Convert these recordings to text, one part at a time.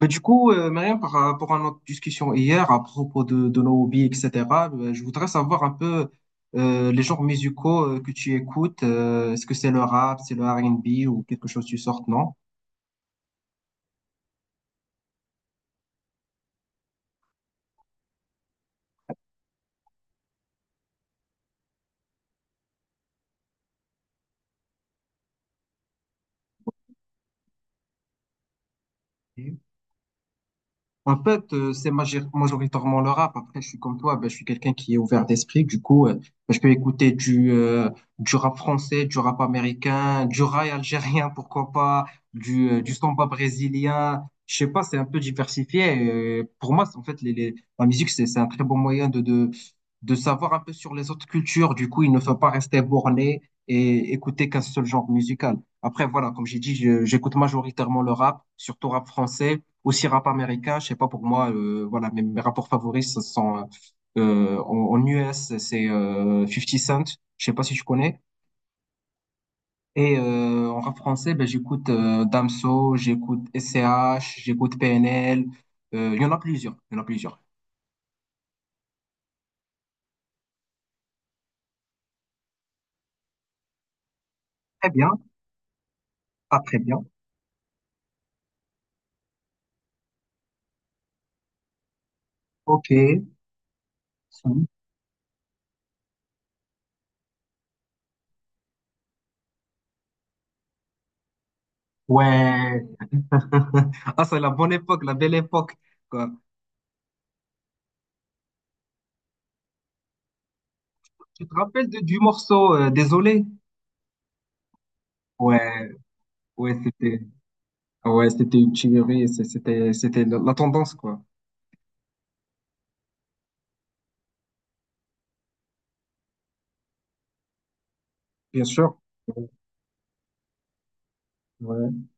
Mais du coup, Mariam, par rapport à notre discussion hier à propos de nos hobbies, etc., je voudrais savoir un peu les genres musicaux que tu écoutes. Est-ce que c'est le rap, c'est le R&B ou quelque chose du sort, non? En fait, c'est majoritairement le rap. Après, je suis comme toi, ben, je suis quelqu'un qui est ouvert d'esprit. Du coup, ben, je peux écouter du rap français, du rap américain, du rail algérien, pourquoi pas, du samba brésilien. Je sais pas, c'est un peu diversifié. Et pour moi, c'est en fait, la musique, c'est un très bon moyen de savoir un peu sur les autres cultures. Du coup, il ne faut pas rester borné et écouter qu'un seul genre musical. Après, voilà, comme j'ai dit, j'écoute majoritairement le rap, surtout rap français aussi rap américain, je sais pas, pour moi, voilà, mes rapports favoris, ce sont en US, c'est 50 Cent, je sais pas si je connais. Et en rap français, ben, j'écoute Damso, j'écoute SCH, j'écoute PNL. Il y en a plusieurs, il y en a plusieurs. Très bien, ah, très bien. Ok. Si. Ouais. Ah, c'est la bonne époque, la belle époque, quoi. Tu te rappelles du morceau Désolé? Ouais, ouais, c'était. Ah ouais, c'était une tuerie, c'était la tendance, quoi. Bien sûr. Ouais, ouais.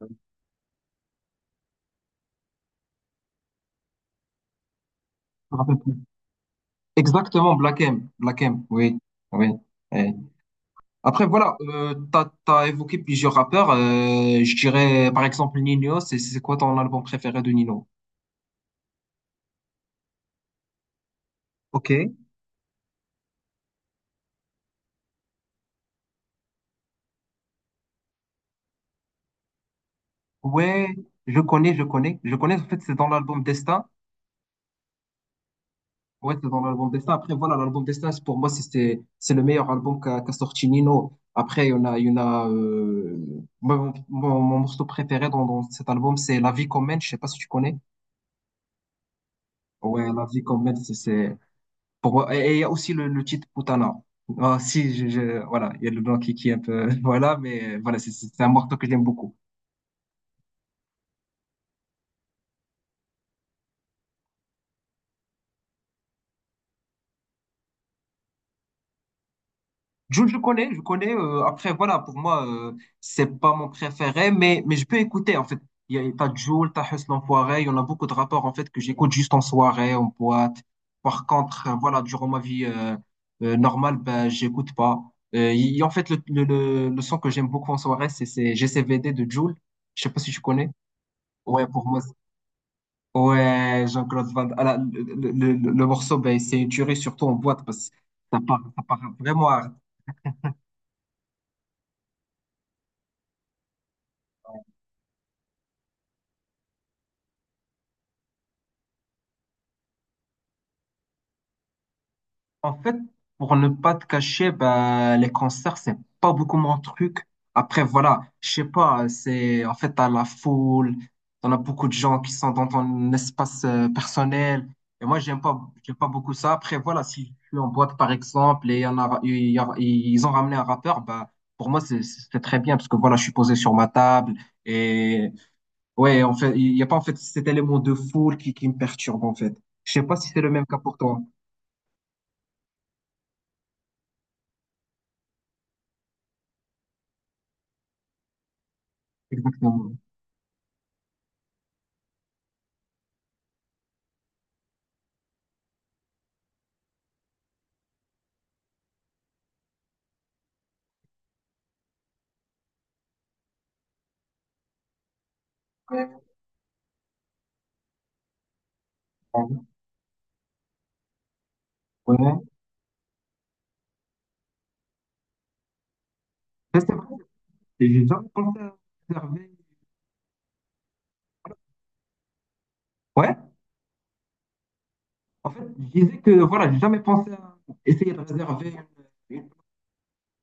Je me rappelle plus. Exactement, Black M. Black M, oui. Oui. Eh. Après, voilà, t'as évoqué plusieurs rappeurs. Je dirais, par exemple, Nino. C'est quoi ton album préféré de Nino? Ok. Ouais, je connais, je connais. Je connais, en fait, c'est dans l'album Destin. Ouais, c'est dans l'album Destin. Après, voilà, l'album Destin, pour moi, c'est le meilleur album qu'a sorti Nino. Après, il y en a moi, mon morceau préféré dans cet album, c'est La vie qu'on mène. Je sais pas si tu connais. Ouais, La vie qu'on mène, pour moi. Et il y a aussi le titre Putana. Ah, si, voilà, il y a le blanc qui est un peu. Voilà, mais voilà, c'est un morceau que j'aime beaucoup. Jul, je connais, je connais. Après, voilà, pour moi, c'est pas mon préféré, mais je peux écouter, en fait. Il y a, t'as Jul, t'as Hus l'Enfoiré, il y en a beaucoup de rapports, en fait, que j'écoute juste en soirée, en boîte. Par contre, voilà, durant ma vie normale, ben, j'écoute pas. Il y a, en fait, le son que j'aime beaucoup en soirée, c'est GCVD de Jul. Je sais pas si tu connais. Ouais, pour moi, ouais, Jean-Claude Van Damme. Ah là, le morceau, ben, c'est une tuerie, surtout en boîte, parce que ça part vraiment à En fait, pour ne pas te cacher, bah, les concerts, c'est pas beaucoup mon truc. Après, voilà, je sais pas, c'est, en fait, t'as la foule, t'en as beaucoup de gens qui sont dans ton espace personnel. Et moi, j'aime pas beaucoup ça. Après, voilà, si je suis en boîte, par exemple, et y en a, il y a- ils ont ramené un rappeur, bah, pour moi, c'est très bien, parce que voilà, je suis posé sur ma table. Et ouais, en fait, il y a pas, en fait, cet élément de foule qui me perturbe, en fait. Je sais pas si c'est le même cas pour toi. Exactement. Ouais. Ça, c'est vrai. Et j'ai jamais pensé à réserver. Ouais. En fait, je disais que voilà, j'ai jamais pensé à essayer de réserver une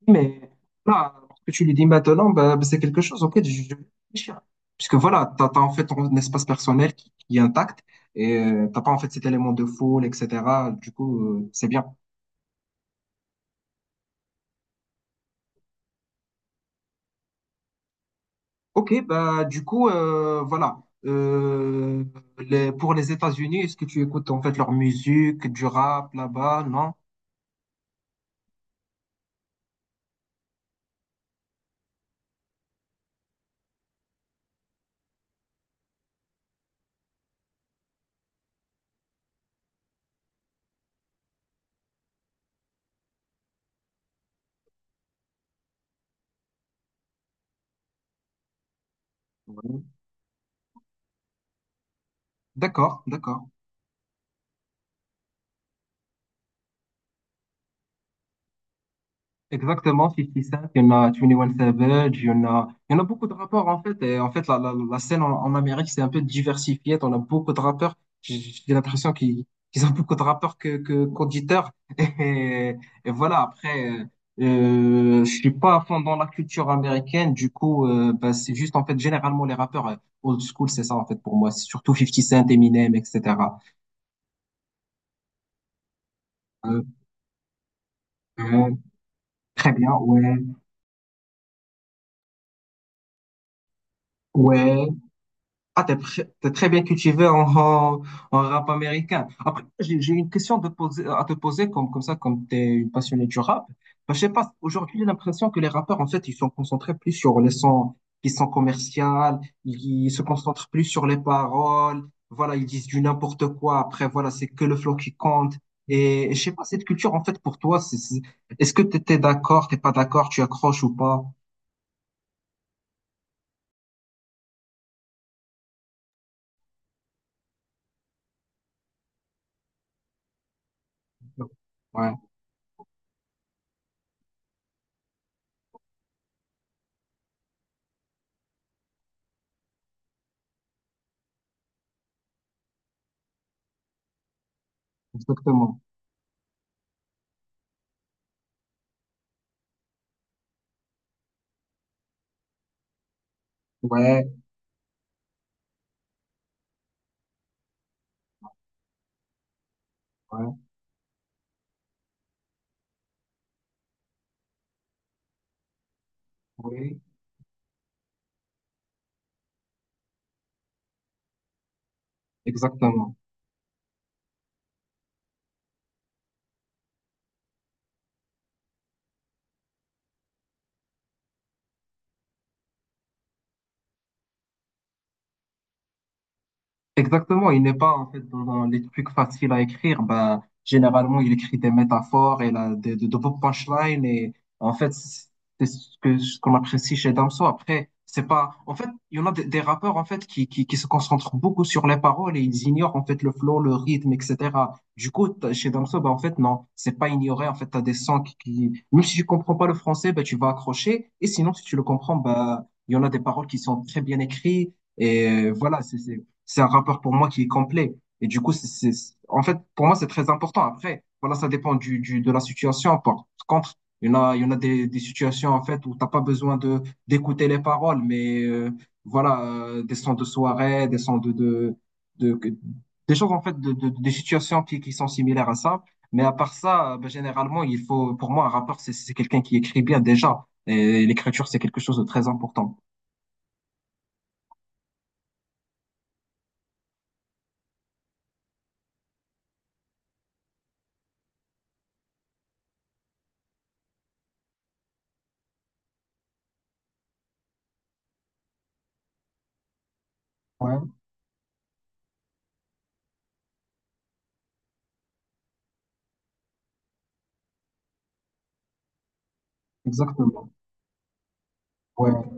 mais là, parce que tu lui dis maintenant, bah, c'est quelque chose auquel je vais réfléchir. Puisque voilà, t'as en fait ton espace personnel qui est intact et t'as pas en fait cet élément de foule, etc. Du coup, c'est bien. Ok, bah du coup, voilà. Pour les États-Unis, est-ce que tu écoutes en fait leur musique, du rap là-bas? Non? D'accord, d'accord. Exactement, 50 Cent, il y en a 21 Savage, il y en a beaucoup de rappeurs en fait. Et en fait, la scène en Amérique, c'est un peu diversifiée. On a beaucoup de rappeurs. J'ai l'impression qu'ils ont beaucoup de rappeurs qu'auditeurs. Et, et voilà, après, je suis pas à fond dans la culture américaine. Du coup, bah, c'est juste en fait, généralement, les rappeurs old school, c'est ça en fait pour moi. C'est surtout 50 Cent, Eminem, etc. Euh, euh, Très bien, ouais, ouais. Ah, t'es très bien cultivé en rap américain. Après, j'ai une question à te poser, comme ça, comme t'es une passionnée du rap. Bah, je sais pas, aujourd'hui, j'ai l'impression que les rappeurs, en fait, ils sont concentrés plus sur les sons qui sont commerciaux, ils se concentrent plus sur les paroles, voilà, ils disent du n'importe quoi. Après, voilà, c'est que le flow qui compte. Et je sais pas, cette culture, en fait, pour toi, est-ce que t'étais d'accord, t'es pas d'accord, tu accroches ou pas? Ouais, exactement. Ouais, ouais, oui. Exactement. Exactement, il n'est pas en fait dans les trucs faciles à écrire. Ben, généralement, il écrit des métaphores et là, de beaux punchlines. Et en fait, c'est ce qu'on apprécie chez Damso. Après, c'est pas. En fait, il y en a des rappeurs en fait qui se concentrent beaucoup sur les paroles et ils ignorent en fait le flow, le rythme, etc. Du coup, chez Damso, ben, en fait, non, c'est pas ignoré. En fait, t'as des sons même si tu comprends pas le français, ben, tu vas accrocher. Et sinon, si tu le comprends, ben, il y en a des paroles qui sont très bien écrites. Et voilà, c'est un rappeur pour moi qui est complet. Et du coup, en fait, pour moi, c'est très important. Après, voilà, ça dépend de la situation. Par contre, il y en a des situations, en fait, où t'as pas besoin d'écouter les paroles, mais voilà, des sons de soirée, des sons de, que- des choses, en fait, des situations qui sont similaires à ça. Mais à part ça, ben, généralement, il faut, pour moi, un rappeur, c'est quelqu'un qui écrit bien déjà. Et l'écriture, c'est quelque chose de très important. Ouais, exactement. Ouais.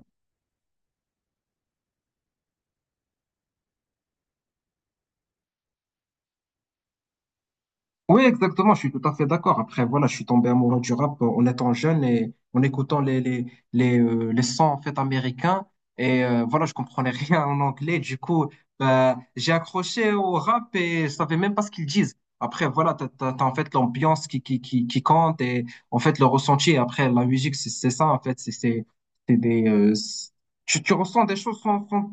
Oui, exactement, je suis tout à fait d'accord. Après, voilà, je suis tombé amoureux du rap en étant jeune et en écoutant les sons en fait américains. Et voilà, je comprenais rien en anglais. Du coup, bah, j'ai accroché au rap et je savais même pas ce qu'ils disent. Après, voilà, en fait l'ambiance qui compte et en fait le ressenti. Et après, la musique, c'est ça en fait. C'est des, c'est- tu ressens des choses sans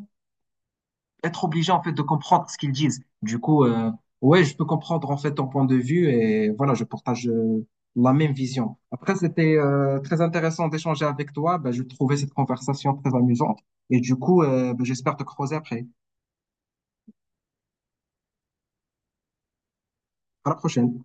être obligé en fait de comprendre ce qu'ils disent. Du coup, ouais, je peux comprendre en fait ton point de vue et voilà, je partage la même vision. Après, c'était très intéressant d'échanger avec toi. Ben, je trouvais cette conversation très amusante et du coup, ben, j'espère te croiser après. À la prochaine.